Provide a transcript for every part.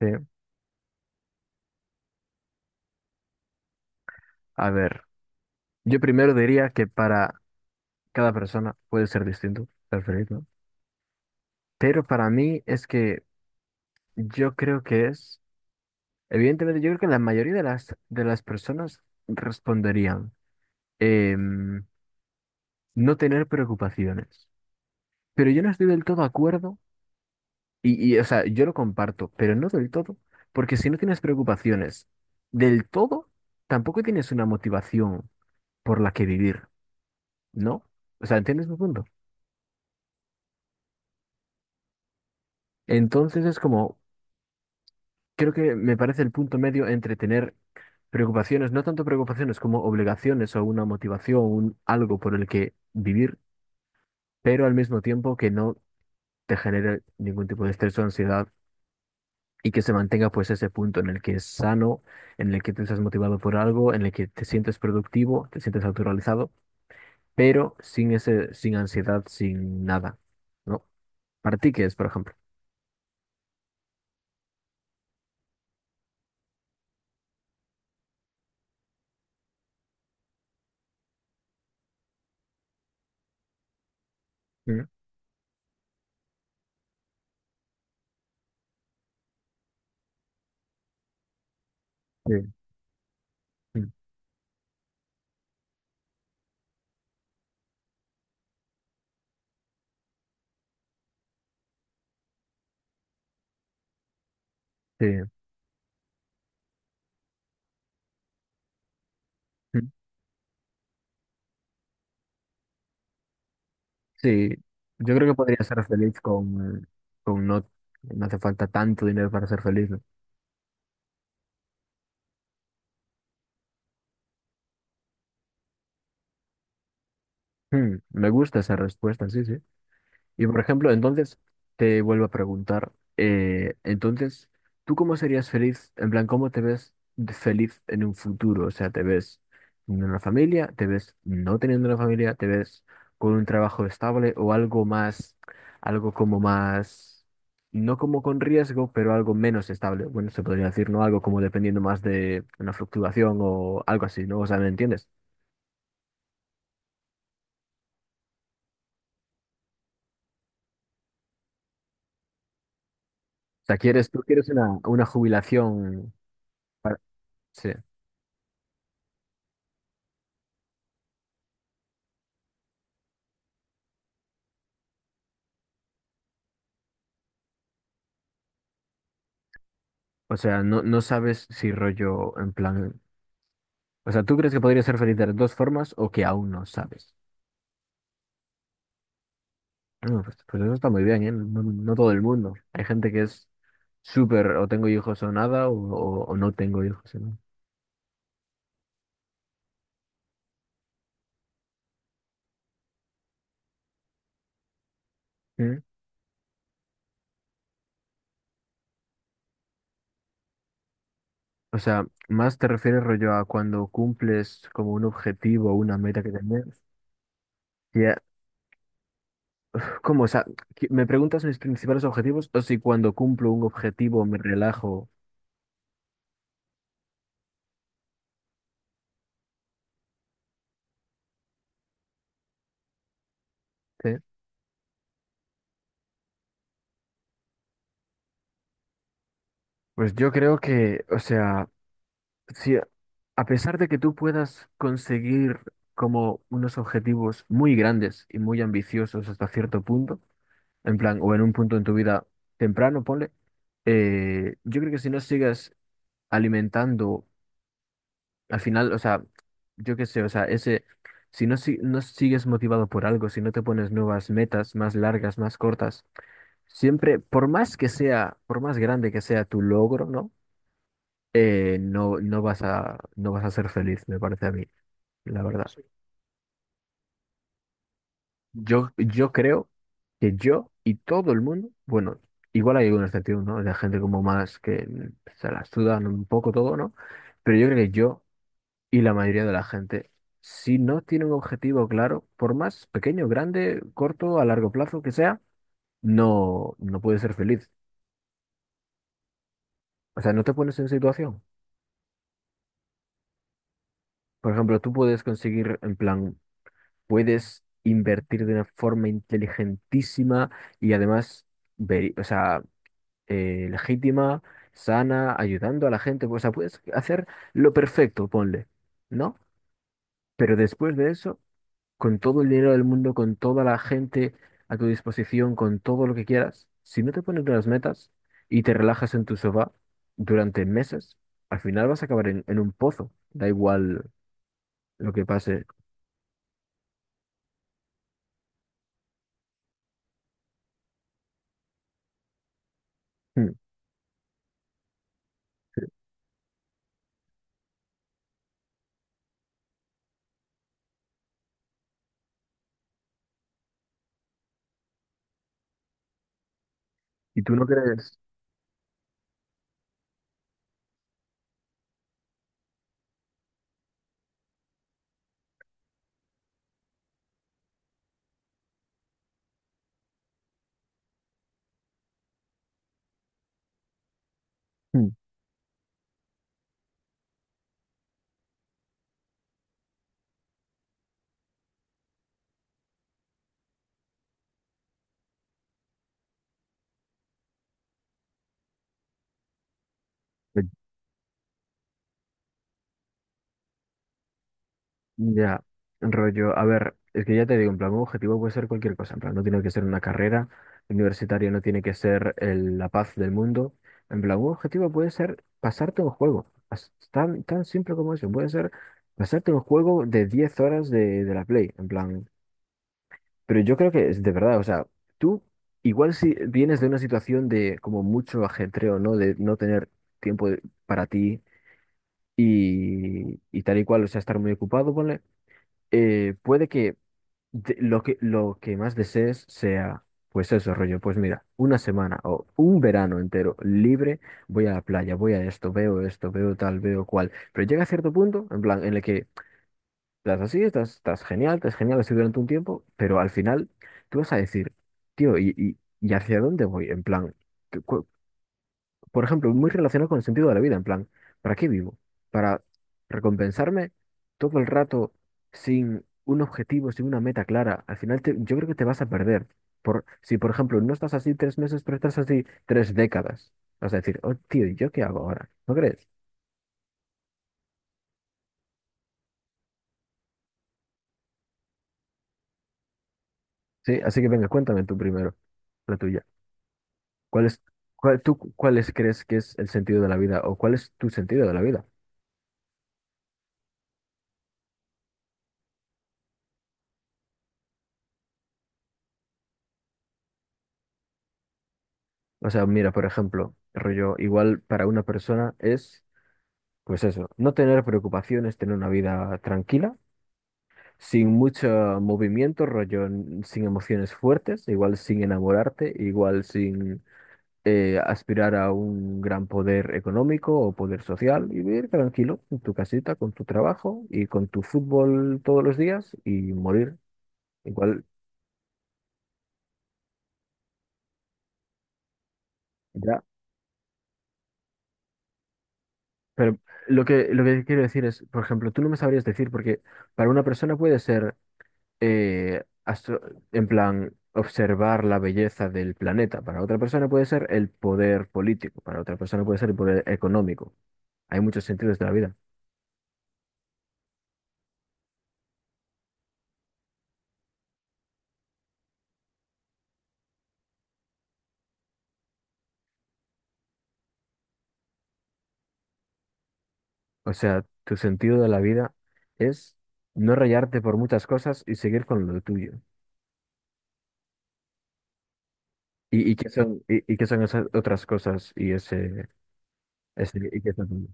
Sí, a ver, yo primero diría que para cada persona puede ser distinto ser feliz, ¿no? Pero para mí es que yo creo que es, evidentemente yo creo que la mayoría de las personas responderían em, no tener preocupaciones. Pero yo no estoy del todo de acuerdo y o sea, yo lo comparto, pero no del todo, porque si no tienes preocupaciones del todo, tampoco tienes una motivación por la que vivir, ¿no? O sea, ¿entiendes mi punto? Entonces es como... Creo que me parece el punto medio entre tener preocupaciones, no tanto preocupaciones como obligaciones o una motivación, un algo por el que vivir, pero al mismo tiempo que no te genere ningún tipo de estrés o ansiedad y que se mantenga pues ese punto en el que es sano, en el que te estás motivado por algo, en el que te sientes productivo, te sientes autorrealizado, pero sin ese, sin ansiedad, sin nada, ¿no? Para ti, ¿qué es, por ejemplo? Mm, sí, mm, sí. Sí, yo creo que podría ser feliz con no, no hace falta tanto dinero para ser feliz, ¿no? Hmm, me gusta esa respuesta, sí, sí. Y por ejemplo, entonces te vuelvo a preguntar, entonces, ¿tú cómo serías feliz? En plan, ¿cómo te ves de feliz en un futuro? O sea, ¿te ves teniendo una familia? ¿Te ves no teniendo una familia? ¿Te ves con un trabajo estable o algo más, algo como más, no como con riesgo, pero algo menos estable? Bueno, se podría decir, ¿no? Algo como dependiendo más de una fluctuación o algo así, ¿no? O sea, ¿me entiendes? O sea, tú quieres una jubilación? Para- sí. O sea, no, no sabes si rollo en plan... O sea, ¿tú crees que podría ser feliz de las dos formas o que aún no sabes? No, pues, pues eso está muy bien, ¿eh? No, no todo el mundo. Hay gente que es súper o tengo hijos o nada o, o no tengo hijos. ¿No? ¿Mm? O sea, más te refieres rollo a cuando cumples como un objetivo o una meta que tenés. Ya, ¿cómo? O sea, ¿qué- ¿me preguntas mis principales objetivos o si cuando cumplo un objetivo me relajo? ¿Sí? Pues o sea... Sí, a pesar de que tú puedas conseguir como unos objetivos muy grandes y muy ambiciosos hasta cierto punto, en plan, o en un punto en tu vida temprano, ponle, yo creo que si no sigas alimentando, al final, o sea, yo qué sé, o sea, ese, si no, si- no sigues motivado por algo, si no te pones nuevas metas más largas, más cortas, siempre, por más que sea, por más grande que sea tu logro, ¿no? No vas no vas a ser feliz, me parece a mí. La verdad. Sí. Yo creo que yo y todo el mundo, bueno, igual hay una excepción, ¿no? De gente como más que mm, se las sudan un poco todo, ¿no? Pero yo creo que yo y la mayoría de la gente, si no tiene un objetivo claro, por más pequeño, grande, corto, a largo plazo que sea, no puedes ser feliz. O sea, no te pones en situación. Por ejemplo, tú puedes conseguir, en plan, puedes invertir de una forma inteligentísima y además, ver, o sea, legítima, sana, ayudando a la gente. Pues, o sea, puedes hacer lo perfecto, ponle, ¿no? Pero después de eso, con todo el dinero del mundo, con toda la gente a tu disposición, con todo lo que quieras, si no te pones unas metas y te relajas en tu sofá durante meses, al final vas a acabar en un pozo. Da igual lo que pase. Hmm. ¿Y tú no crees? Hmm. Ya, rollo, a ver, es que ya te digo, en plan, un objetivo puede ser cualquier cosa, en plan, no tiene que ser una carrera universitaria, no tiene que ser el- la paz del mundo, en plan, un objetivo puede ser pasarte un juego, as- tan, tan simple como eso, puede ser pasarte un juego de 10 horas de la Play, en plan, pero yo creo que es de verdad, o sea, tú igual si vienes de una situación de como mucho ajetreo, ¿no? De no tener tiempo de- para ti y tal y cual, o sea, estar muy ocupado, ponle, puede que de- lo que más desees sea, pues eso, rollo, pues mira, una semana o un verano entero libre, voy a la playa, voy a esto, veo tal, veo cual. Pero llega a cierto punto, en plan, en el que estás así, estás genial así durante un tiempo, pero al final tú vas a decir, tío, y hacia dónde voy? En plan, por ejemplo, muy relacionado con el sentido de la vida, en plan, ¿para qué vivo? ¿Para recompensarme todo el rato sin un objetivo, sin una meta clara? Al final te- yo creo que te vas a perder. Por, si, por ejemplo, no estás así tres meses, pero estás así tres décadas, vas a decir, oh, tío, ¿y yo qué hago ahora? ¿No crees? Sí, así que venga, cuéntame tú primero, la tuya. ¿Cuál es, cuál, tú, cuáles crees que es el sentido de la vida o cuál es tu sentido de la vida? O sea, mira, por ejemplo, rollo, igual para una persona es... Pues eso, no tener preocupaciones, tener una vida tranquila, sin mucho movimiento, rollo, n- sin emociones fuertes, igual sin enamorarte, igual sin aspirar a un gran poder económico o poder social, y vivir tranquilo en tu casita, con tu trabajo y con tu fútbol todos los días y morir. Igual, ya. Pero lo que quiero decir es, por ejemplo, tú no me sabrías decir, porque para una persona puede ser astro- en plan, observar la belleza del planeta. Para otra persona puede ser el poder político, para otra persona puede ser el poder económico. Hay muchos sentidos de la vida. O sea, tu sentido de la vida es no rayarte por muchas cosas y seguir con lo tuyo. Qué son, y qué son esas otras cosas y ese y qué es lo tuyo?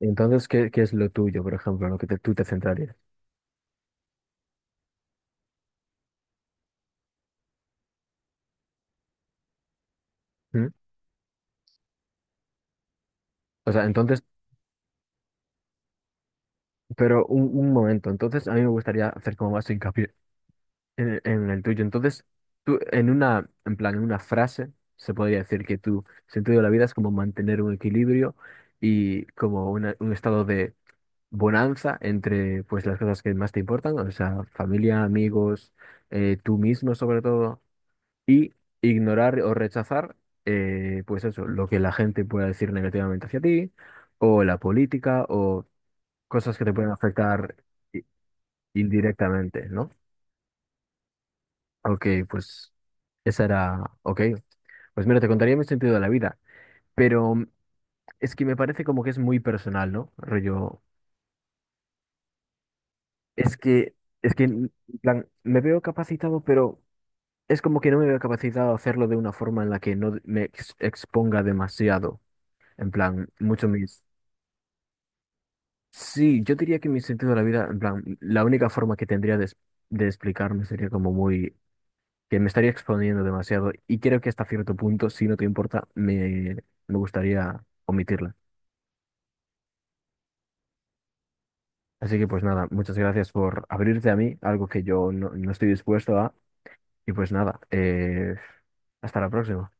Entonces, qué es lo tuyo, por ejemplo, en lo que te- tú te centrarías? ¿Mm? O sea, entonces, pero un momento, entonces a mí me gustaría hacer como más hincapié en el tuyo. Entonces, tú, en una, en plan, en una frase, se podría decir que tu sentido de la vida es como mantener un equilibrio y como una- un estado de bonanza entre, pues, las cosas que más te importan, o sea, familia, amigos, tú mismo sobre todo, y ignorar o rechazar, pues eso, lo que la gente pueda decir negativamente hacia ti, o la política, o cosas que te pueden afectar i- indirectamente, ¿no? Ok, pues esa era, ok. Pues mira, te contaría mi sentido de la vida, pero mm, es que me parece como que es muy personal, ¿no? Rollo, es que, es que, mm, en plan, me veo capacitado, pero es como que no me veo capacitado a hacerlo de una forma en la que no me ex- exponga demasiado, en plan, mucho mis... Sí, yo diría que mi sentido de la vida, en plan, la única forma que tendría de, es- de explicarme sería como muy que me estaría exponiendo demasiado y creo que hasta cierto punto, si no te importa, me gustaría omitirla. Así que pues nada, muchas gracias por abrirte a mí, algo que yo no estoy dispuesto a. Y pues nada, hasta la próxima.